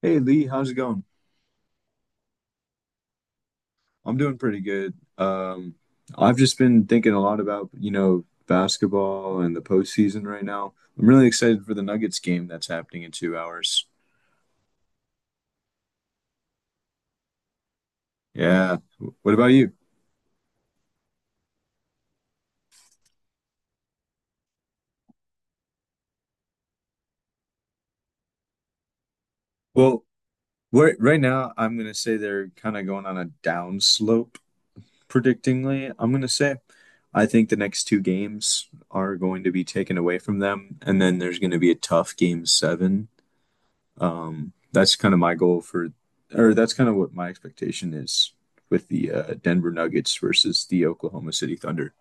Hey Lee, how's it going? I'm doing pretty good. I've just been thinking a lot about, basketball and the postseason right now. I'm really excited for the Nuggets game that's happening in 2 hours. Yeah. What about you? Well, right, right now, I'm gonna say they're kind of going on a down slope, predictingly. I'm gonna say I think the next two games are going to be taken away from them, and then there's going to be a tough game seven. That's kind of my goal for, or that's kind of what my expectation is with the Denver Nuggets versus the Oklahoma City Thunder.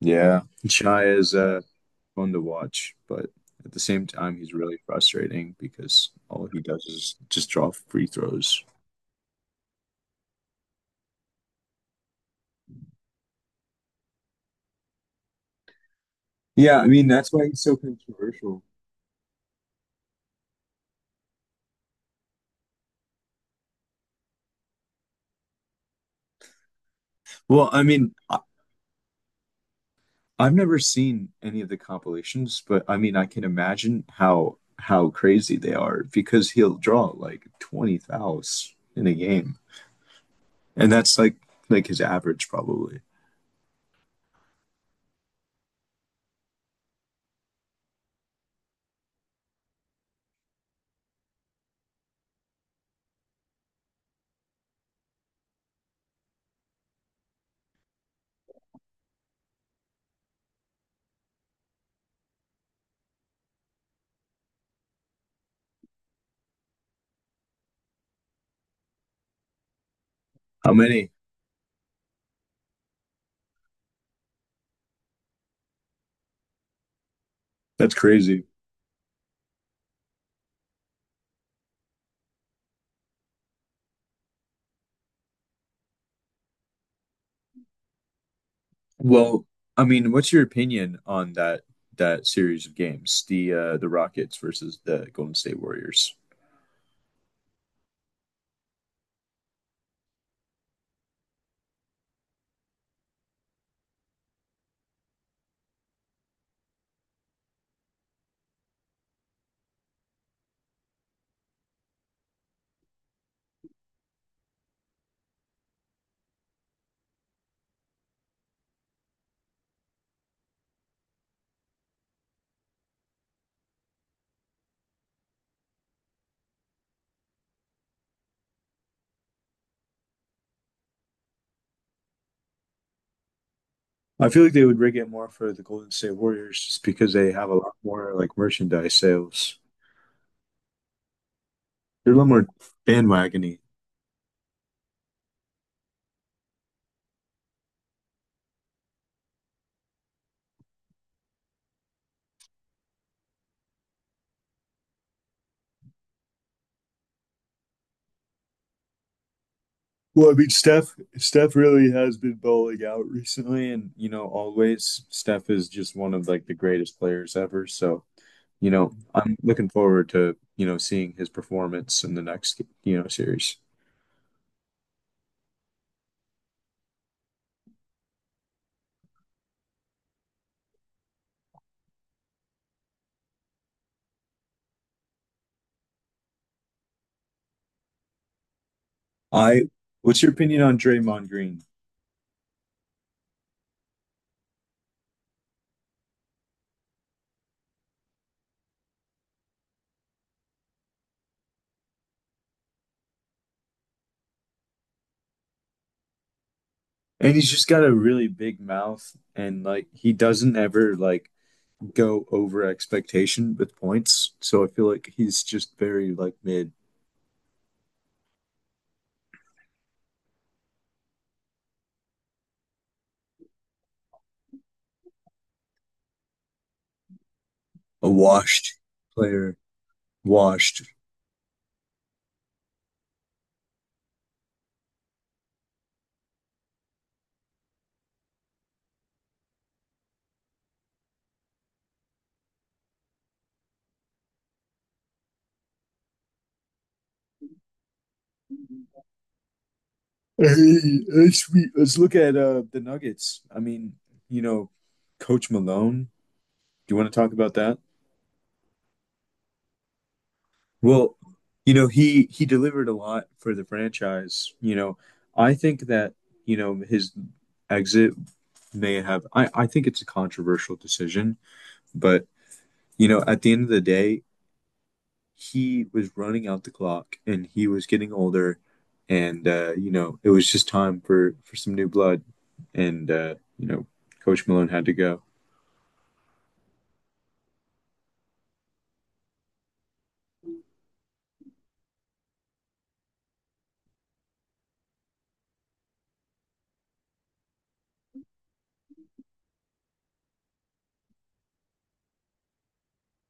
Yeah, Shai is fun to watch, but at the same time, he's really frustrating because all he does is just draw free throws. Yeah, I mean that's why he's so controversial. Well, I mean, I've never seen any of the compilations, but I mean, I can imagine how crazy they are because he'll draw like 20 fouls in a game. And that's like his average probably. How many? That's crazy. Well, I mean, what's your opinion on that series of games, the Rockets versus the Golden State Warriors? I feel like they would rig it more for the Golden State Warriors just because they have a lot more like merchandise sales. They're a lot more bandwagony. Well, I mean, Steph really has been bowling out recently, and always Steph is just one of like the greatest players ever. So I'm looking forward to, seeing his performance in the next, series. I, what's your opinion on Draymond Green? And he's just got a really big mouth and like he doesn't ever like go over expectation with points. So I feel like he's just very like mid, a washed player, washed. Hey, hey, sweet. Let's look at the Nuggets. I mean, you know, Coach Malone. Do you want to talk about that? Well, he delivered a lot for the franchise. You know, I think that, his exit may have I think it's a controversial decision, but at the end of the day, he was running out the clock and he was getting older and you know it was just time for some new blood and you know coach malone had to go.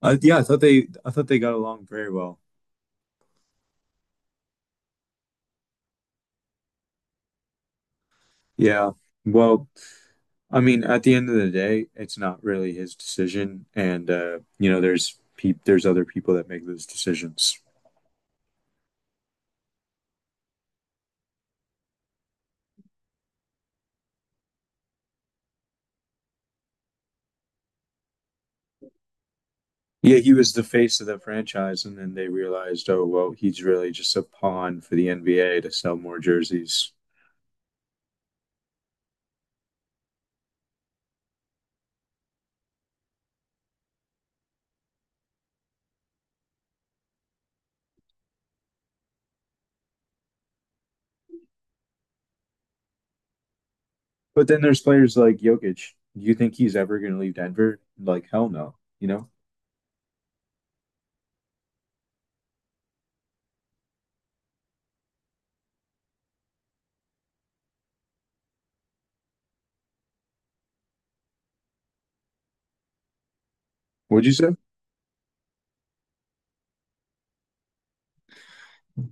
Yeah I thought they got along very well. Yeah, well, I mean, at the end of the day, it's not really his decision, and you know, there's other people that make those decisions. Yeah, he was the face of the franchise, and then they realized, oh, well, he's really just a pawn for the NBA to sell more jerseys. But then there's players like Jokic. Do you think he's ever going to leave Denver? Like, hell no. You know? What'd you say?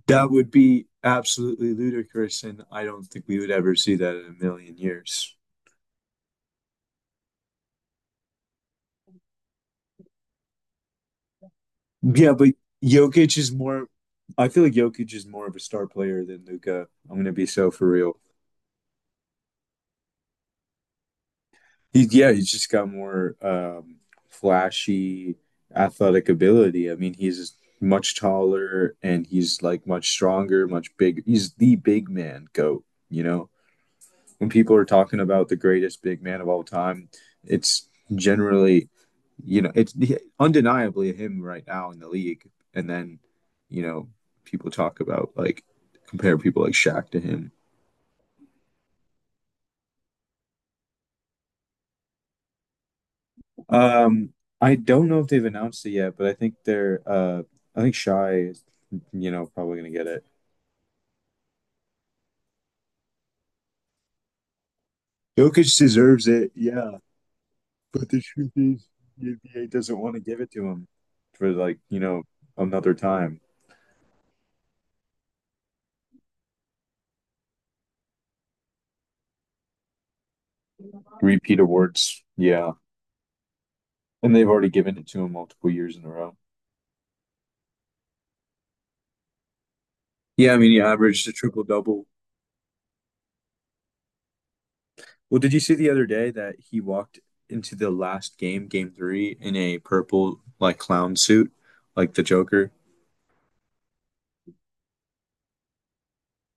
That would be absolutely ludicrous, and I don't think we would ever see that in a million years. Yeah, but Jokic is more. I feel like Jokic is more of a star player than Luca. I'm gonna be so for real. He's he's just got more flashy athletic ability. I mean, he's much taller and he's like much stronger, much bigger. He's the big man goat, you know. When people are talking about the greatest big man of all time, it's generally, you know, it's undeniably him right now in the league. And then, you know, people talk about like compare people like Shaq to him. Um, I don't know if they've announced it yet, but I think I think Shy is, you know, probably going to get it. Jokic deserves it. Yeah. But the truth is, the NBA doesn't want to give it to him for like, you know, another time. Repeat awards. Yeah. And they've already given it to him multiple years in a row. Yeah, I mean, he averaged a triple double. Well, did you see the other day that he walked into the last game, game three, in a purple like clown suit, like the Joker?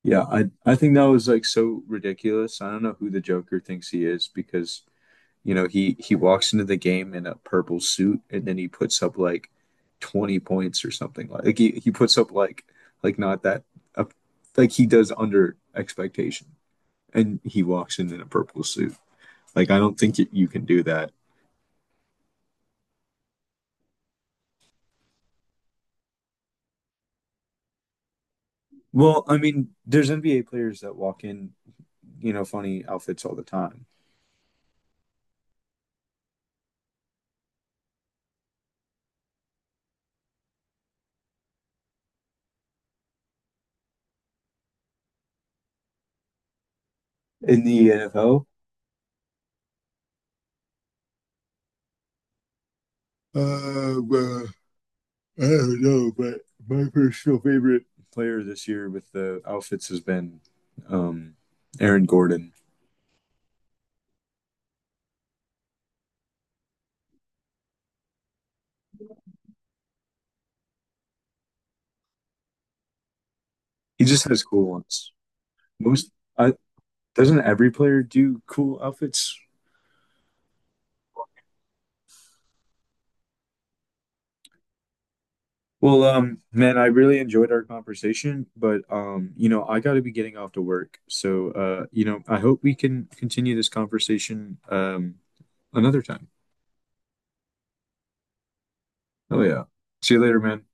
Yeah, I think that was like so ridiculous. I don't know who the Joker thinks he is because, you know, he walks into the game in a purple suit and then he puts up like 20 points or something like, like he puts up like not that up like he does under expectation. And he walks in a purple suit. Like I don't think it, you can do that. Well, I mean, there's NBA players that walk in, you know, funny outfits all the time. In the NFL, well, I don't know, but my personal favorite player this year with the outfits has been um, Aaron Gordon. He just has cool ones. Most I, doesn't every player do cool outfits? Well, man, I really enjoyed our conversation, but you know, I got to be getting off to work. So, you know, I hope we can continue this conversation another time. Oh yeah. See you later, man.